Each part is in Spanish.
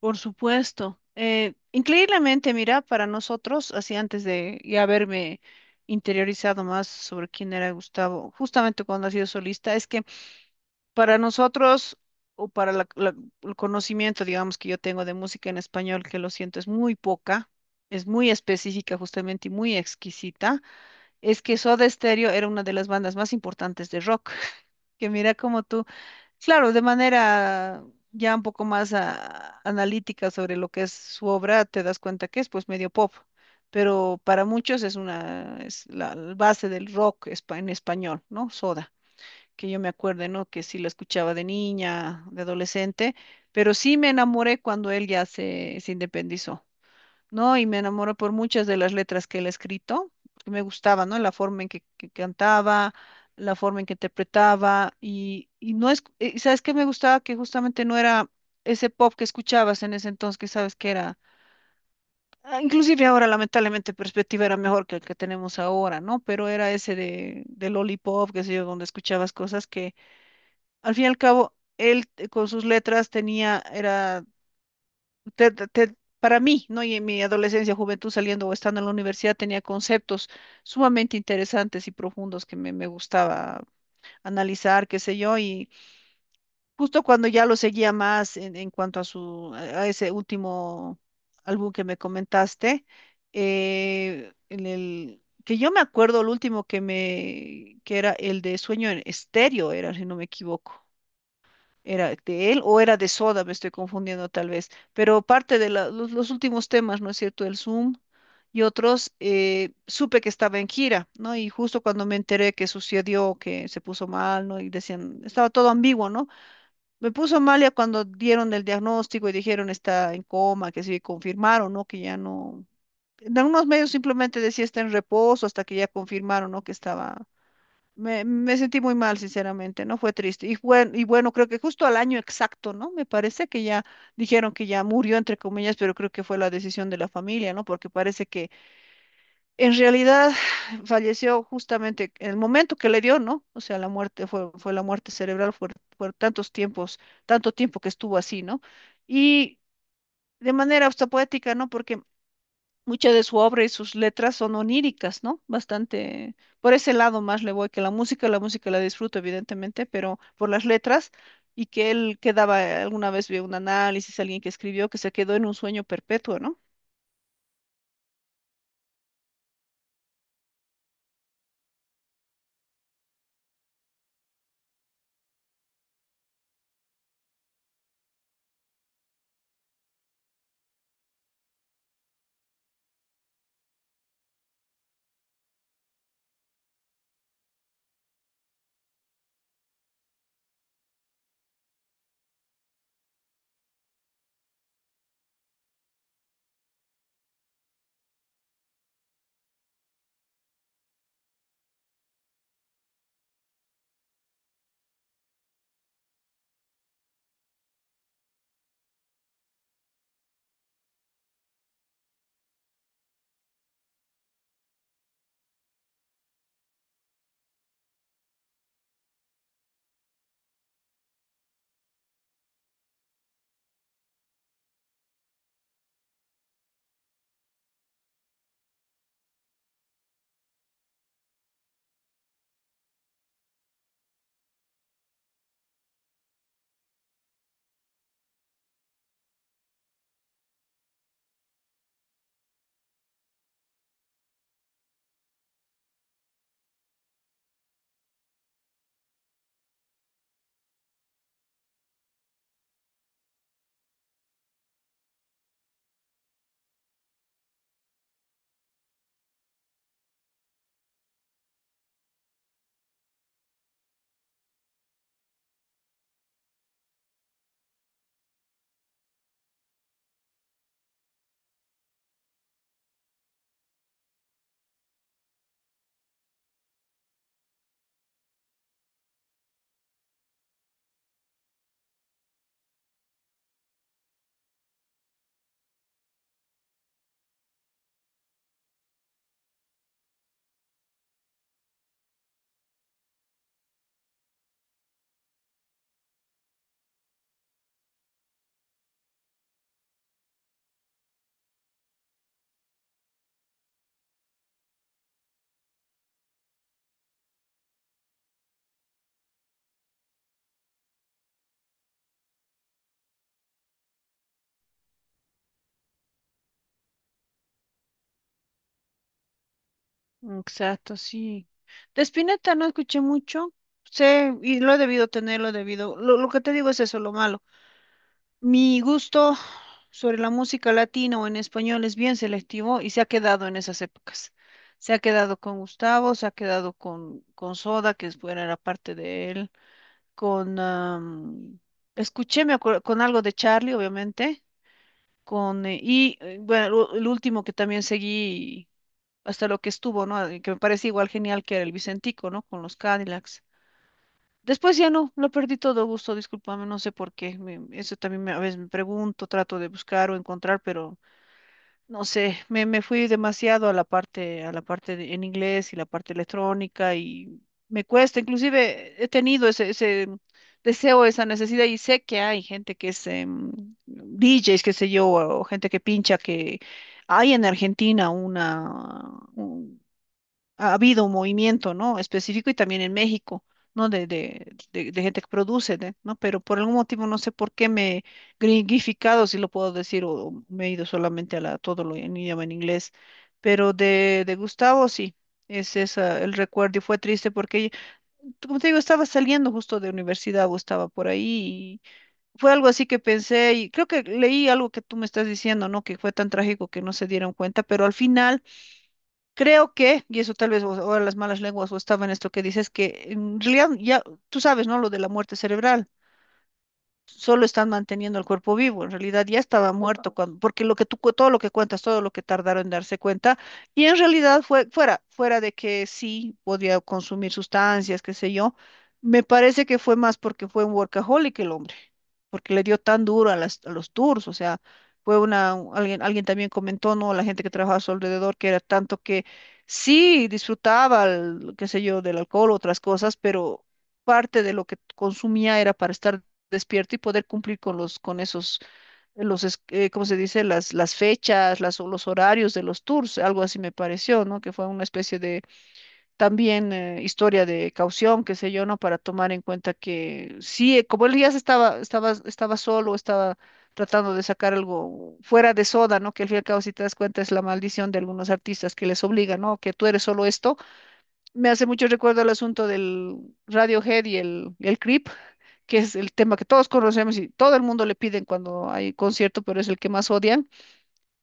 Por supuesto. Increíblemente, mira, para nosotros, así antes de ya haberme interiorizado más sobre quién era Gustavo, justamente cuando ha sido solista, es que para nosotros, o para el conocimiento, digamos, que yo tengo de música en español, que lo siento, es muy poca, es muy específica justamente y muy exquisita, es que Soda Stereo era una de las bandas más importantes de rock, que mira como tú. Claro, de manera ya un poco más analítica sobre lo que es su obra, te das cuenta que es pues medio pop, pero para muchos es una es la base del en español, ¿no? Soda, que yo me acuerdo, ¿no? Que sí lo escuchaba de niña, de adolescente, pero sí me enamoré cuando él ya se independizó. ¿No? Y me enamoré por muchas de las letras que él ha escrito, porque me gustaba, ¿no? La forma en que cantaba, la forma en que interpretaba, y no es, y ¿sabes qué me gustaba? Que justamente no era ese pop que escuchabas en ese entonces, que sabes que era, inclusive ahora lamentablemente perspectiva era mejor que el que tenemos ahora, ¿no? Pero era ese de lollipop, qué sé yo, donde escuchabas cosas que al fin y al cabo... Él con sus letras tenía, era te- te- para mí, ¿no? Y en mi adolescencia, juventud, saliendo o estando en la universidad, tenía conceptos sumamente interesantes y profundos que me gustaba analizar, qué sé yo, y justo cuando ya lo seguía más en cuanto a su, a ese último álbum que me comentaste, en el que yo me acuerdo, el último que era el de Sueño en Estéreo, era, si no me equivoco. ¿Era de él o era de Soda? Me estoy confundiendo tal vez. Pero parte de los últimos temas, ¿no es cierto? El Zoom y otros, supe que estaba en gira, ¿no? Y justo cuando me enteré que sucedió, que se puso mal, ¿no? Y decían, estaba todo ambiguo, ¿no? Me puso mal ya cuando dieron el diagnóstico y dijeron está en coma, que sí, confirmaron, ¿no? Que ya no... En algunos medios simplemente decía está en reposo hasta que ya confirmaron, ¿no? Que estaba me sentí muy mal, sinceramente, ¿no? Fue triste. Y bueno, creo que justo al año exacto, ¿no? Me parece que ya dijeron que ya murió, entre comillas, pero creo que fue la decisión de la familia, ¿no? Porque parece que en realidad falleció justamente en el momento que le dio, ¿no? O sea, la muerte fue la muerte cerebral, fue, fue tantos tiempos, tanto tiempo que estuvo así, ¿no? Y de manera hasta poética, ¿no? Porque mucha de su obra y sus letras son oníricas, ¿no? Bastante, por ese lado más le voy que la música, la música la disfruto evidentemente, pero por las letras y que él quedaba, alguna vez vi un análisis, alguien que escribió que se quedó en un sueño perpetuo, ¿no? Exacto, sí. De Spinetta no escuché mucho, sé, y lo he debido tener, lo he debido, lo que te digo es eso, lo malo. Mi gusto sobre la música latina o en español es bien selectivo y se ha quedado en esas épocas. Se ha quedado con Gustavo, se ha quedado con Soda, que es buena la parte de él, con... escuché, me acuerdo, con algo de Charlie, obviamente, con... bueno, el último que también seguí hasta lo que estuvo, ¿no? Y que me parece igual genial que era el Vicentico, ¿no? Con los Cadillacs. Después ya no, lo perdí todo gusto, discúlpame, no sé por qué. Eso también a veces me pregunto, trato de buscar o encontrar, pero no sé, me fui demasiado a la parte, a la en inglés y la parte electrónica y me cuesta. Inclusive he tenido ese deseo, esa necesidad y sé que hay gente que es DJs, qué sé yo, o gente que pincha, que hay en Argentina una, ha habido un movimiento, ¿no? Específico y también en México, ¿no? De gente que produce, ¿no? Pero por algún motivo no sé por qué me he gringificado, si lo puedo decir, o me he ido solamente a la, todo lo en idioma en inglés. Pero de Gustavo, sí, es esa, el recuerdo y fue triste porque, como te digo, estaba saliendo justo de universidad o estaba por ahí y fue algo así que pensé y creo que leí algo que tú me estás diciendo, ¿no? Que fue tan trágico que no se dieron cuenta, pero al final... Creo que, y eso tal vez ahora las malas lenguas o estaba en esto que dices, que en realidad ya tú sabes, ¿no? Lo de la muerte cerebral solo están manteniendo el cuerpo vivo, en realidad ya estaba muerto cuando, porque lo que tú, todo lo que cuentas, todo lo que tardaron en darse cuenta, y en realidad fue fuera, fuera de que sí podía consumir sustancias, qué sé yo, me parece que fue más porque fue un workaholic el hombre, porque le dio tan duro a las, a los tours, o sea, fue una, alguien, alguien también comentó, ¿no? La gente que trabajaba a su alrededor, que era tanto que sí disfrutaba, el, qué sé yo, del alcohol, otras cosas, pero parte de lo que consumía era para estar despierto y poder cumplir con los, con esos, los, ¿cómo se dice? Las fechas, las, o los horarios de los tours, algo así me pareció, ¿no? Que fue una especie de, también, historia de caución, qué sé yo, ¿no? Para tomar en cuenta que sí, como él ya se estaba, estaba solo, estaba tratando de sacar algo fuera de soda, ¿no? Que al fin y al cabo, si te das cuenta, es la maldición de algunos artistas que les obliga, ¿no? Que tú eres solo esto. Me hace mucho recuerdo el asunto del Radiohead y el Creep, que es el tema que todos conocemos y todo el mundo le piden cuando hay concierto, pero es el que más odian.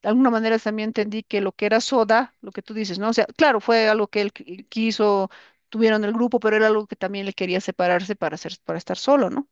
De alguna manera también entendí que lo que era Soda, lo que tú dices, ¿no? O sea, claro, fue algo que él quiso, tuvieron el grupo, pero era algo que también le quería separarse para hacer, para estar solo, ¿no?